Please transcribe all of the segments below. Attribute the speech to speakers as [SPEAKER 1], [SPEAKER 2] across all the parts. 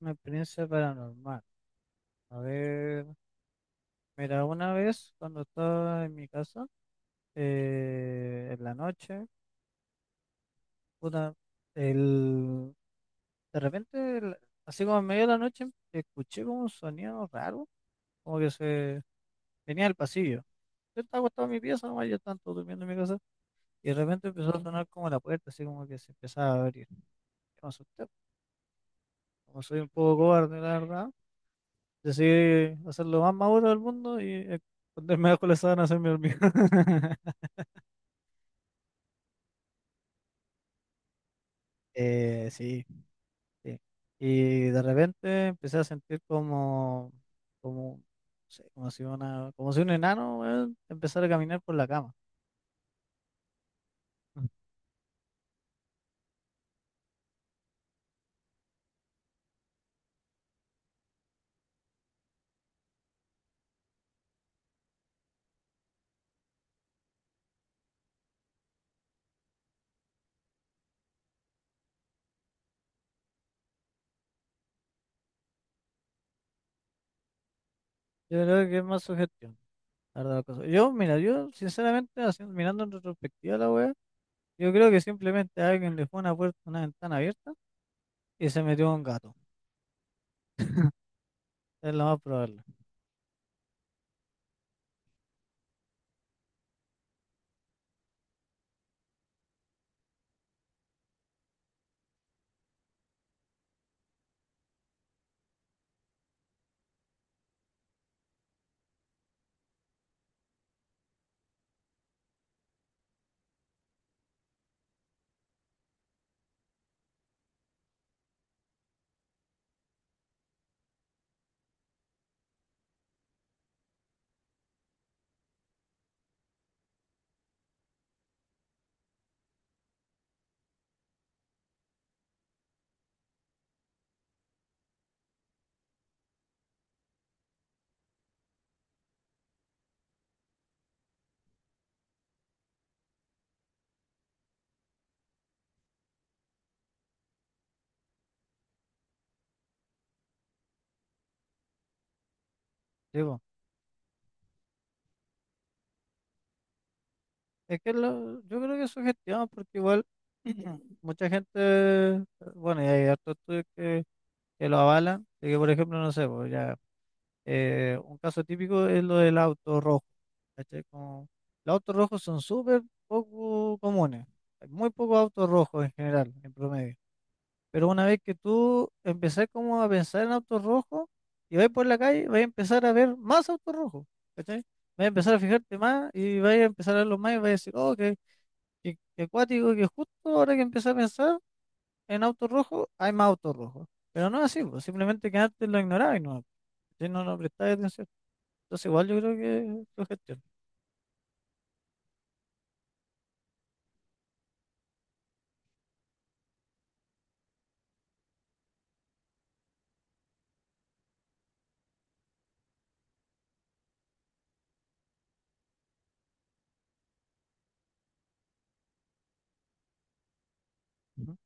[SPEAKER 1] Una experiencia paranormal. A ver, mira, una vez cuando estaba en mi casa, en la noche, puta, el, de repente, así como en medio de la noche, escuché como un sonido raro, como que se venía del pasillo. Yo estaba acostado en mi pieza, nomás yo estaba durmiendo en mi casa, y de repente empezó a sonar como la puerta, así como que se empezaba a abrir. Yo me asusté, como soy un poco cobarde, la verdad, decidí hacer lo más maduro del mundo y esconderme bajo la sábana a hacerme dormir. Sí, sí. Y de repente empecé a sentir como, no sé, como si un enano, weón, empezara a caminar por la cama. Mm. Yo creo que es más sugestión, la verdad, la cosa. Mira, yo sinceramente, mirando en retrospectiva la wea, yo creo que simplemente alguien dejó una puerta, una ventana abierta y se metió un gato. Es lo más probable. Digo, es que yo creo que es sugestión porque igual mucha gente, bueno, y hay hartos estudios que lo avalan, de que por ejemplo, no sé, pues ya, un caso típico es lo del auto rojo, ¿cachai? Como, los autos rojos son súper poco comunes, hay muy pocos autos rojos en general, en promedio, pero una vez que tú empezás como a pensar en autos rojos y vas por la calle, vas a empezar a ver más autos rojos, ¿cachai? Vas a empezar a fijarte más y vas a empezar a verlos más y vas a decir, oh, qué, qué, acuático, que justo ahora que empecé a pensar en autos rojos, hay más autos rojos. Pero no es así, pues, simplemente que antes lo ignoraba si no, no prestáis atención. Entonces, igual yo creo que lo gestiona. ¿No?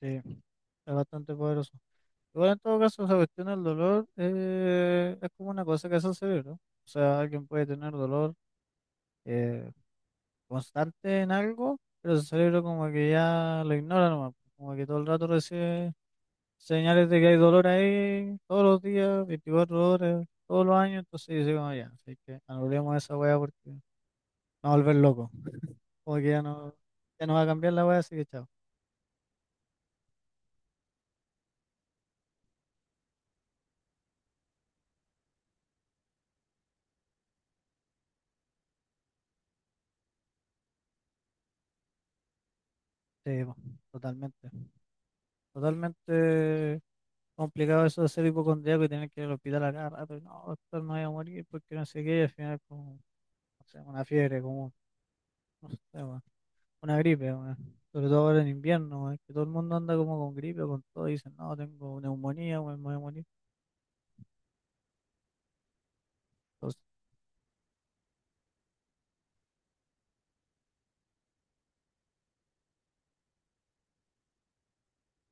[SPEAKER 1] Sí, es bastante poderoso. Igual, en todo caso, esa cuestión del dolor es como una cosa que se hace cerebro. O sea, alguien puede tener dolor eh, constante en algo, pero su cerebro como que ya lo ignora nomás. Como que todo el rato recibe señales de que hay dolor ahí todos los días, 24 horas, todos los años. Entonces dice como ya, así que anulemos esa weá porque no va a volver loco. Como que ya no va a cambiar la weá, así que chao. Sí, po, totalmente. Totalmente complicado eso de ser hipocondriaco y tener que ir al hospital a cada rato. Y no, doctor, me voy a morir porque no sé qué. Y al final, como, no sé, una fiebre, como, no sé, weón, una gripe, weón. Sobre todo ahora en invierno, weón, que todo el mundo anda como con gripe, con todo. Y dicen, no, tengo neumonía, weón, me voy a morir. Entonces,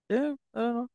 [SPEAKER 1] sí, claro, no.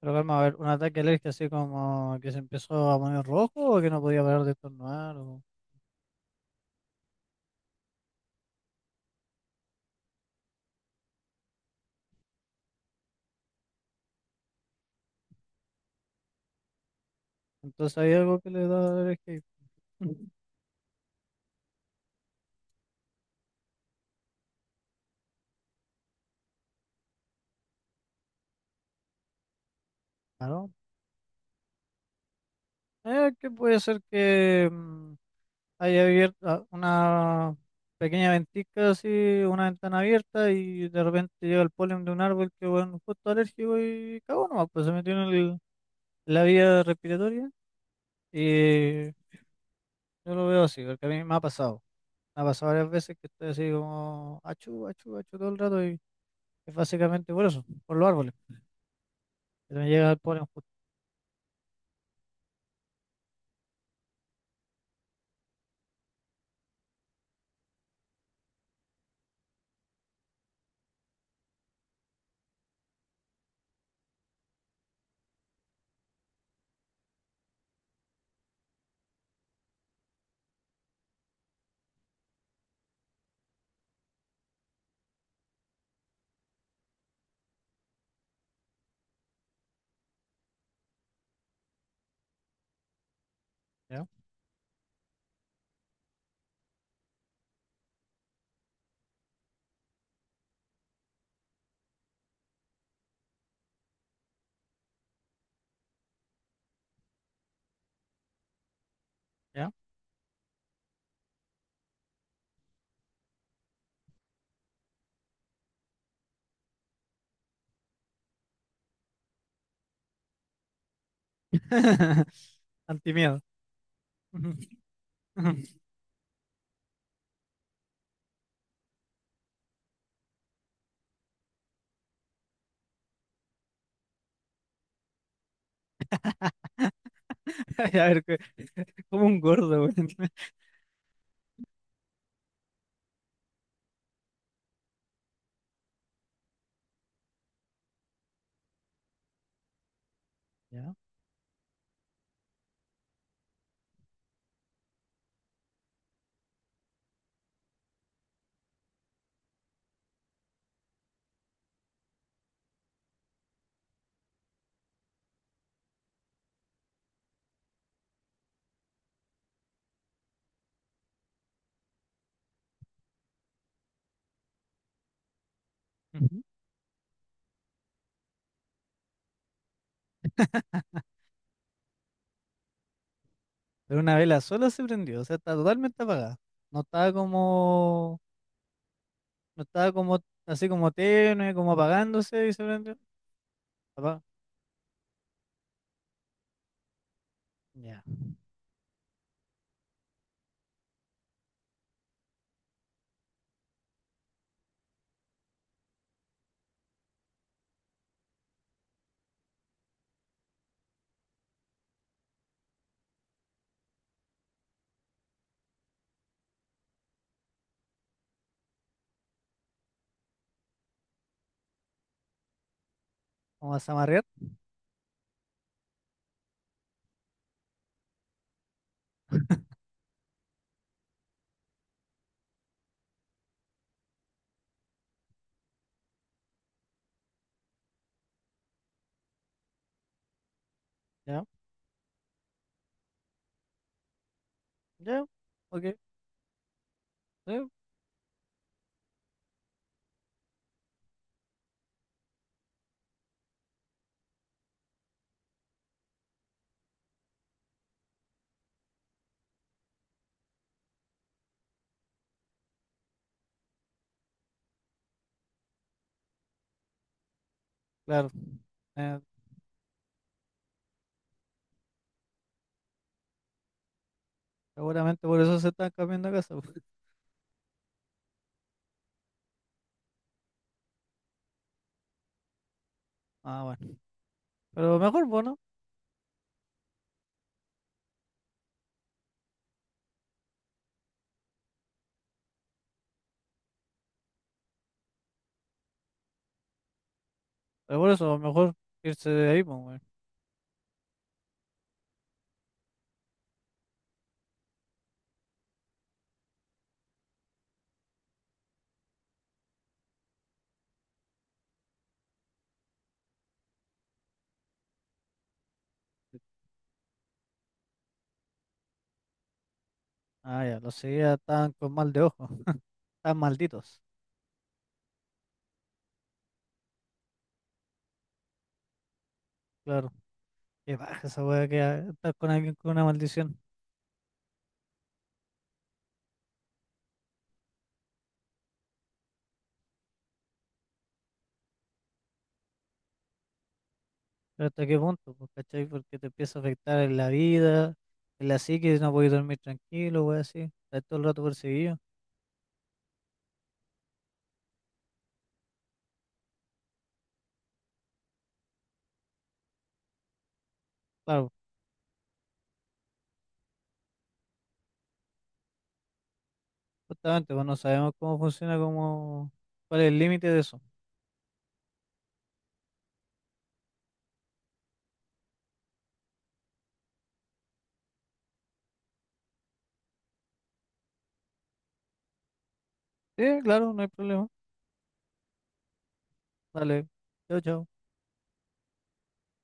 [SPEAKER 1] Pero calma, a ver, un ataque alérgico así como que se empezó a poner rojo o que no podía parar de estornudar. O... Entonces, hay algo que le da alergia. Claro, que puede ser que haya abierto una pequeña ventisca así, una ventana abierta y de repente llega el polen de un árbol que bueno, justo alérgico y cagó nomás, pues se metió en la vía respiratoria y yo lo veo así, porque a mí me ha pasado varias veces que estoy así como achú, achú, achú todo el rato y es básicamente por eso, por los árboles, que me llega el polen justo, ¿ya? ¿Ya? Antimiedo. A ver, como un gordo, güey. Ya. Ujú. Pero una vela sola se prendió, o sea, está totalmente apagada. No estaba como, no estaba como, así como tenue, como apagándose y se prendió. Apa- Ya. Vamos a amarrear. Ya, ya, ok. Sí, claro. Eh, Seguramente por eso se están cambiando de casa, pues. Ah, bueno. Pero mejor, bueno. Pero por eso, mejor irse de ahí, pues, güey. Ah, ya, los seguía estaban con mal de ojo. Están malditos. Claro. Qué baja esa weá que estar con alguien con una maldición. Pero hasta qué punto, pues, ¿cachai? Porque te empieza a afectar en la vida, en la psique, no puedes dormir tranquilo, weá así. Estás todo el rato perseguido. Claro, justamente, pues no sabemos cómo funciona, cómo, cuál es el límite de eso. Sí, claro, no hay problema. Dale, chao, chao.